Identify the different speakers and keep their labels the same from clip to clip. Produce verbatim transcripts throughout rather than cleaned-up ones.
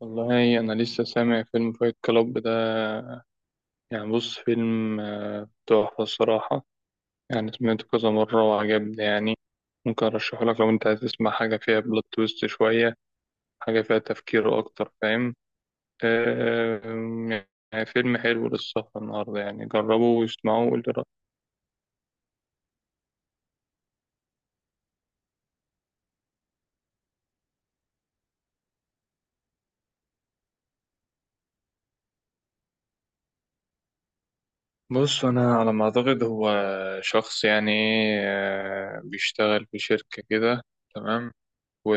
Speaker 1: والله أنا لسه سامع فيلم فايت كلاب ده. يعني بص فيلم آه، تحفة الصراحة. يعني سمعته كذا مرة وعجبني يعني. ممكن أرشحه لك لو أنت عايز تسمع حاجة فيها بلوت تويست شوية، حاجة فيها تفكير أكتر، فاهم؟ آه، آه، يعني فيلم حلو للسهرة النهاردة، يعني جربه واسمعه وقول لي رأيك. بص أنا على ما أعتقد هو شخص يعني، آه، بيشتغل في شركة كده، تمام. و...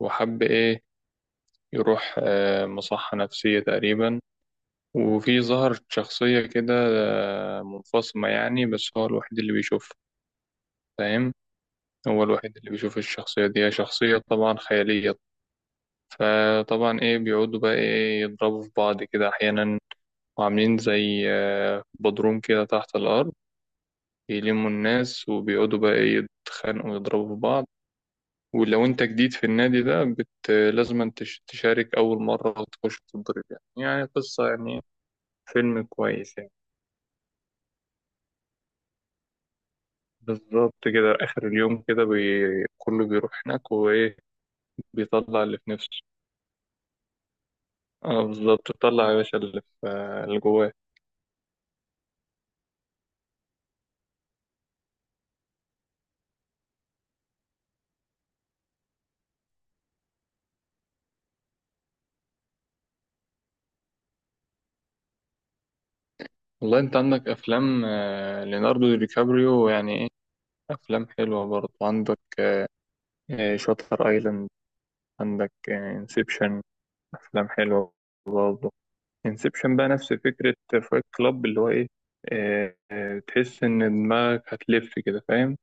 Speaker 1: وحب إيه يروح آه، مصحة نفسية تقريبا، وفي ظهر شخصية كده آه، منفصمة يعني، بس هو الوحيد اللي بيشوفها، فاهم. هو الوحيد اللي بيشوف الشخصية دي، هي شخصية طبعا خيالية. فطبعا ايه بيقعدوا بقى ايه يضربوا في بعض كده أحيانا، وعاملين زي آه، بدروم كده تحت الأرض، يلموا الناس وبيقعدوا بقى إيه يتخانقوا ويضربوا في بعض. ولو انت جديد في النادي ده بت... لازم تش... تشارك أول مرة وتخش تتضرب يعني، يعني قصة يعني. فيلم كويس يعني. بالظبط كده آخر اليوم كده بي... كله بيروح هناك وإيه، بيطلع اللي في نفسه. اه بالظبط، بيطلع يا باشا اللي في آه، اللي جواه. والله أنت عندك أفلام آه، ليوناردو دي كابريو يعني إيه، أفلام حلوة برضه عندك. آه، آه، شاتر أيلاند، عندك انسبشن، أفلام حلوة برضه. انسبشن بقى نفس فكرة فايت كلاب، اللي هو إيه، آه، آه، تحس إن دماغك هتلف كده، فاهم.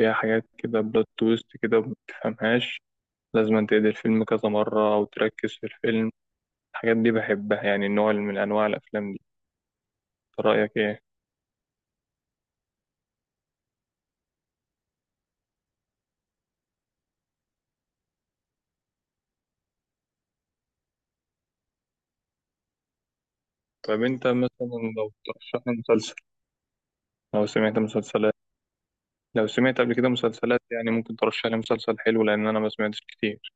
Speaker 1: فيها حاجات كده بلوت تويست كده متفهمهاش، لازم أن تعيد الفيلم كذا مرة أو تركز في الفيلم. الحاجات دي بحبها، يعني النوع من أنواع الأفلام دي. إنت رأيك إيه؟ طيب أنت مثلا لو ترشح لي مسلسل، لو سمعت مسلسلات، لو سمعت قبل كده مسلسلات يعني ممكن ترشح لي مسلسل حلو، لأن أنا ما سمعتش كتير.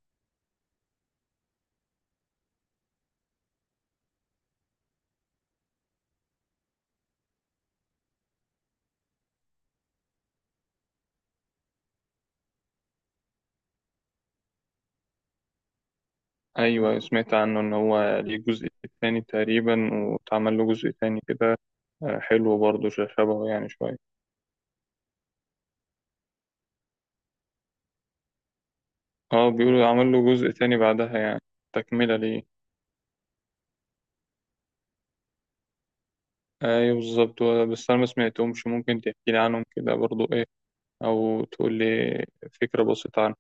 Speaker 1: أيوة سمعت عنه إن هو ليه جزء تاني تقريبا، واتعمل له جزء تاني كده، آه، حلو برضه شبهه يعني شوية. اه بيقولوا عمل له جزء تاني بعدها يعني، تكملة ليه. ايوه بالظبط، و- بس انا ما سمعتهمش، ممكن تحكي لي عنهم كده برضو ايه، او تقول لي فكرة بسيطة عنهم.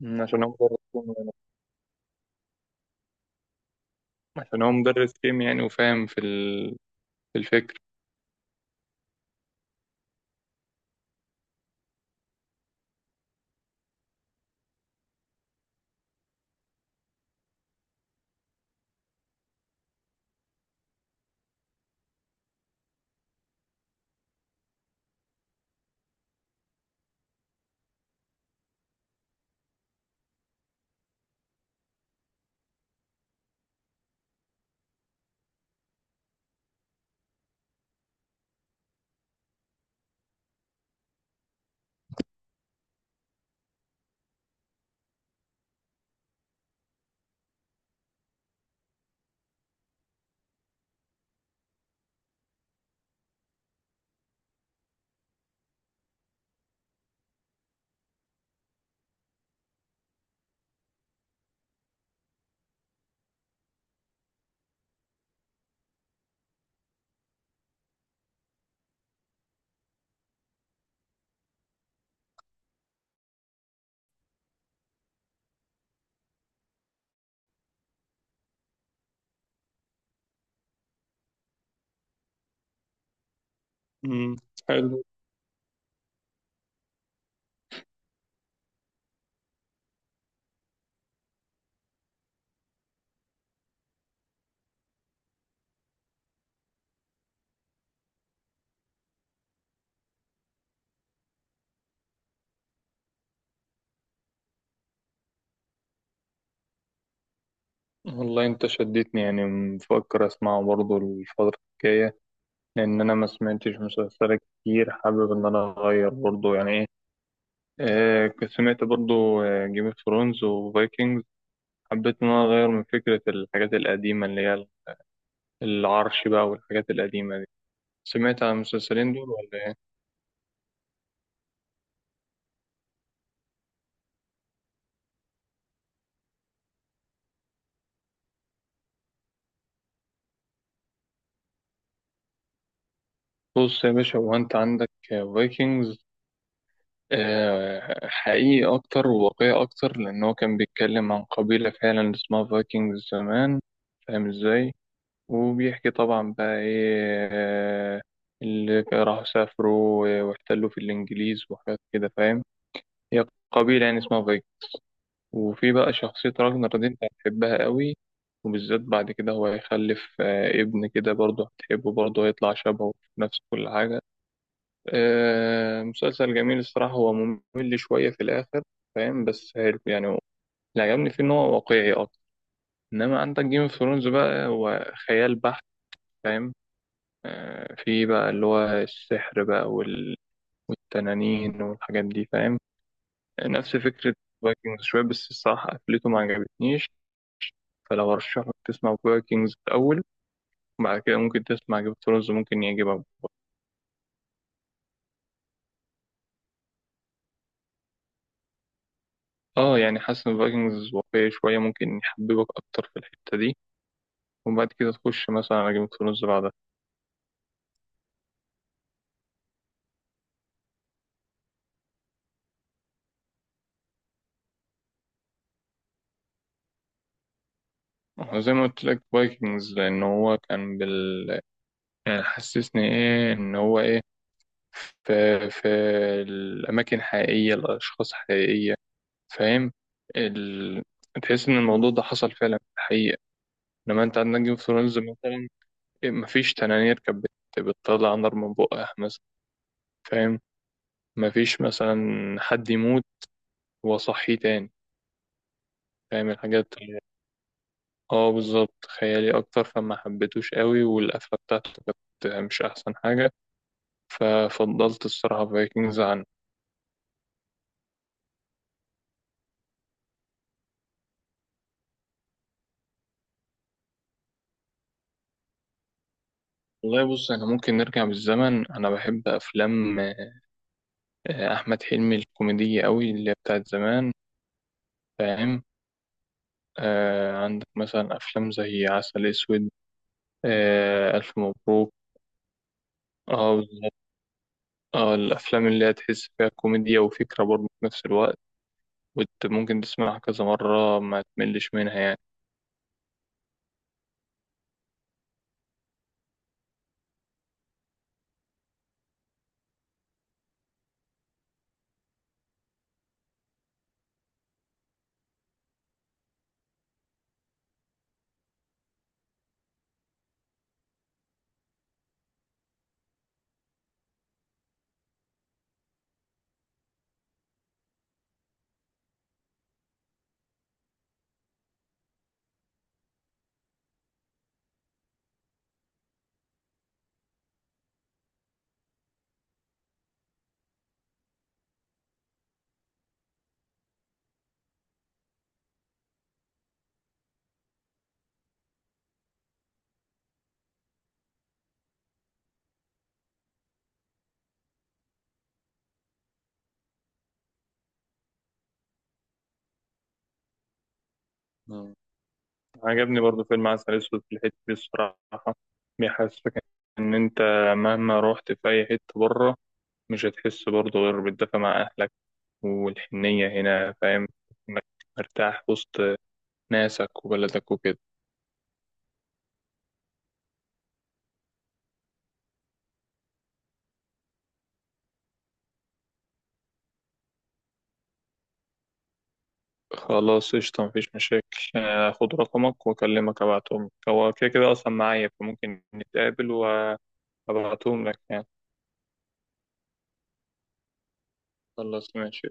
Speaker 1: مم، عشان هو مدرس كيمياء يعني. عشان هو مدرس كيمياء يعني وفاهم في ال... في الفكر. مم، حلو. والله انت شدتني، يعني مفكر اسمعه برضو الفترة الجاية، لان انا ما سمعتش مسلسلات كتير، حابب ان انا اغير برضو يعني ايه. آه كنت سمعت برضو جيم اوف ثرونز وفايكنجز، حبيت ان انا اغير من فكرة الحاجات القديمة، اللي هي العرش بقى والحاجات القديمة دي. سمعت عن المسلسلين دول ولا ايه؟ بص يا باشا، هو انت عندك فايكنجز، حقيقي اكتر وواقعي اكتر، لان هو كان بيتكلم عن قبيلة فعلا اسمها فايكنجز زمان، فاهم ازاي. وبيحكي طبعا بقى ايه، آه، اللي راحوا سافروا واحتلوا في الانجليز وحاجات كده، فاهم. هي قبيلة يعني اسمها. وفي بقى شخصية راجنر دي انت هتحبها قوي، وبالذات بعد كده هو هيخلف آه، ابن كده برضه هتحبه برضه، هيطلع شبهه في نفس كل حاجة. آه، مسلسل جميل الصراحة، هو ممل شوية في الآخر، فاهم، بس حلو، يعني اللي عجبني فيه إن هو واقعي أكتر. إنما عندك جيم اوف ثرونز بقى هو خيال بحت، فاهم. آه، في بقى اللي هو السحر بقى وال... والتنانين والحاجات دي، فاهم. نفس فكرة فايكنجز شوية، بس الصراحة قفلته ما عجبتنيش. فلو هرشح لك تسمع فايكنجز الأول، وبعد كده ممكن تسمع جيم اوف ثرونز، ممكن يعجبك. اه يعني حاسس ان فايكنجز واقعي شوية، ممكن يحببك أكتر في الحتة دي، وبعد كده تخش مثلا على جيم اوف ثرونز بعدها. هو زي ما قلت لك فايكنجز لأن هو كان بال يعني حسسني ايه ان هو ايه، في في الأماكن حقيقية، الأشخاص حقيقية، فاهم، ال... تحس ان الموضوع ده حصل فعلا في الحقيقة. لما انت عندك جيم اوف ثرونز مثلا، مفيش تنانير كانت بت- بتطلع نار من بقها مثلا، فاهم، مفيش مثلا حد يموت وأصحيه تاني. فاهم الحاجات اللي- اه بالظبط، خيالي أكتر، فما حبيتوش قوي، والقفلة بتاعته كانت مش أحسن حاجة، ففضلت الصراحة فايكنجز عنه. والله بص أنا ممكن نرجع بالزمن، أنا بحب أفلام آه، أحمد حلمي الكوميدية قوي، اللي هي بتاعت زمان، فاهم. آه عندك مثلا أفلام زي عسل أسود، آه ألف مبروك. اه اه الأفلام اللي هي تحس فيها كوميديا وفكرة برضه في نفس الوقت، وانت ممكن تسمعها كذا مرة ما تملش منها يعني. مم. عجبني برضه فيلم عسل أسود في الحتة دي الصراحة، بيحسسك إن أنت مهما رحت في أي حتة بره مش هتحس برضه غير بالدفى مع أهلك والحنية هنا، فاهم، إنك مرتاح وسط ناسك وبلدك وكده. خلاص قشطة، مفيش مشاكل. آه، خد رقمك وأكلمك أبعتهم، هو كده كده أصلا معايا فممكن نتقابل، هبعتهم لك يعني. خلاص ماشي.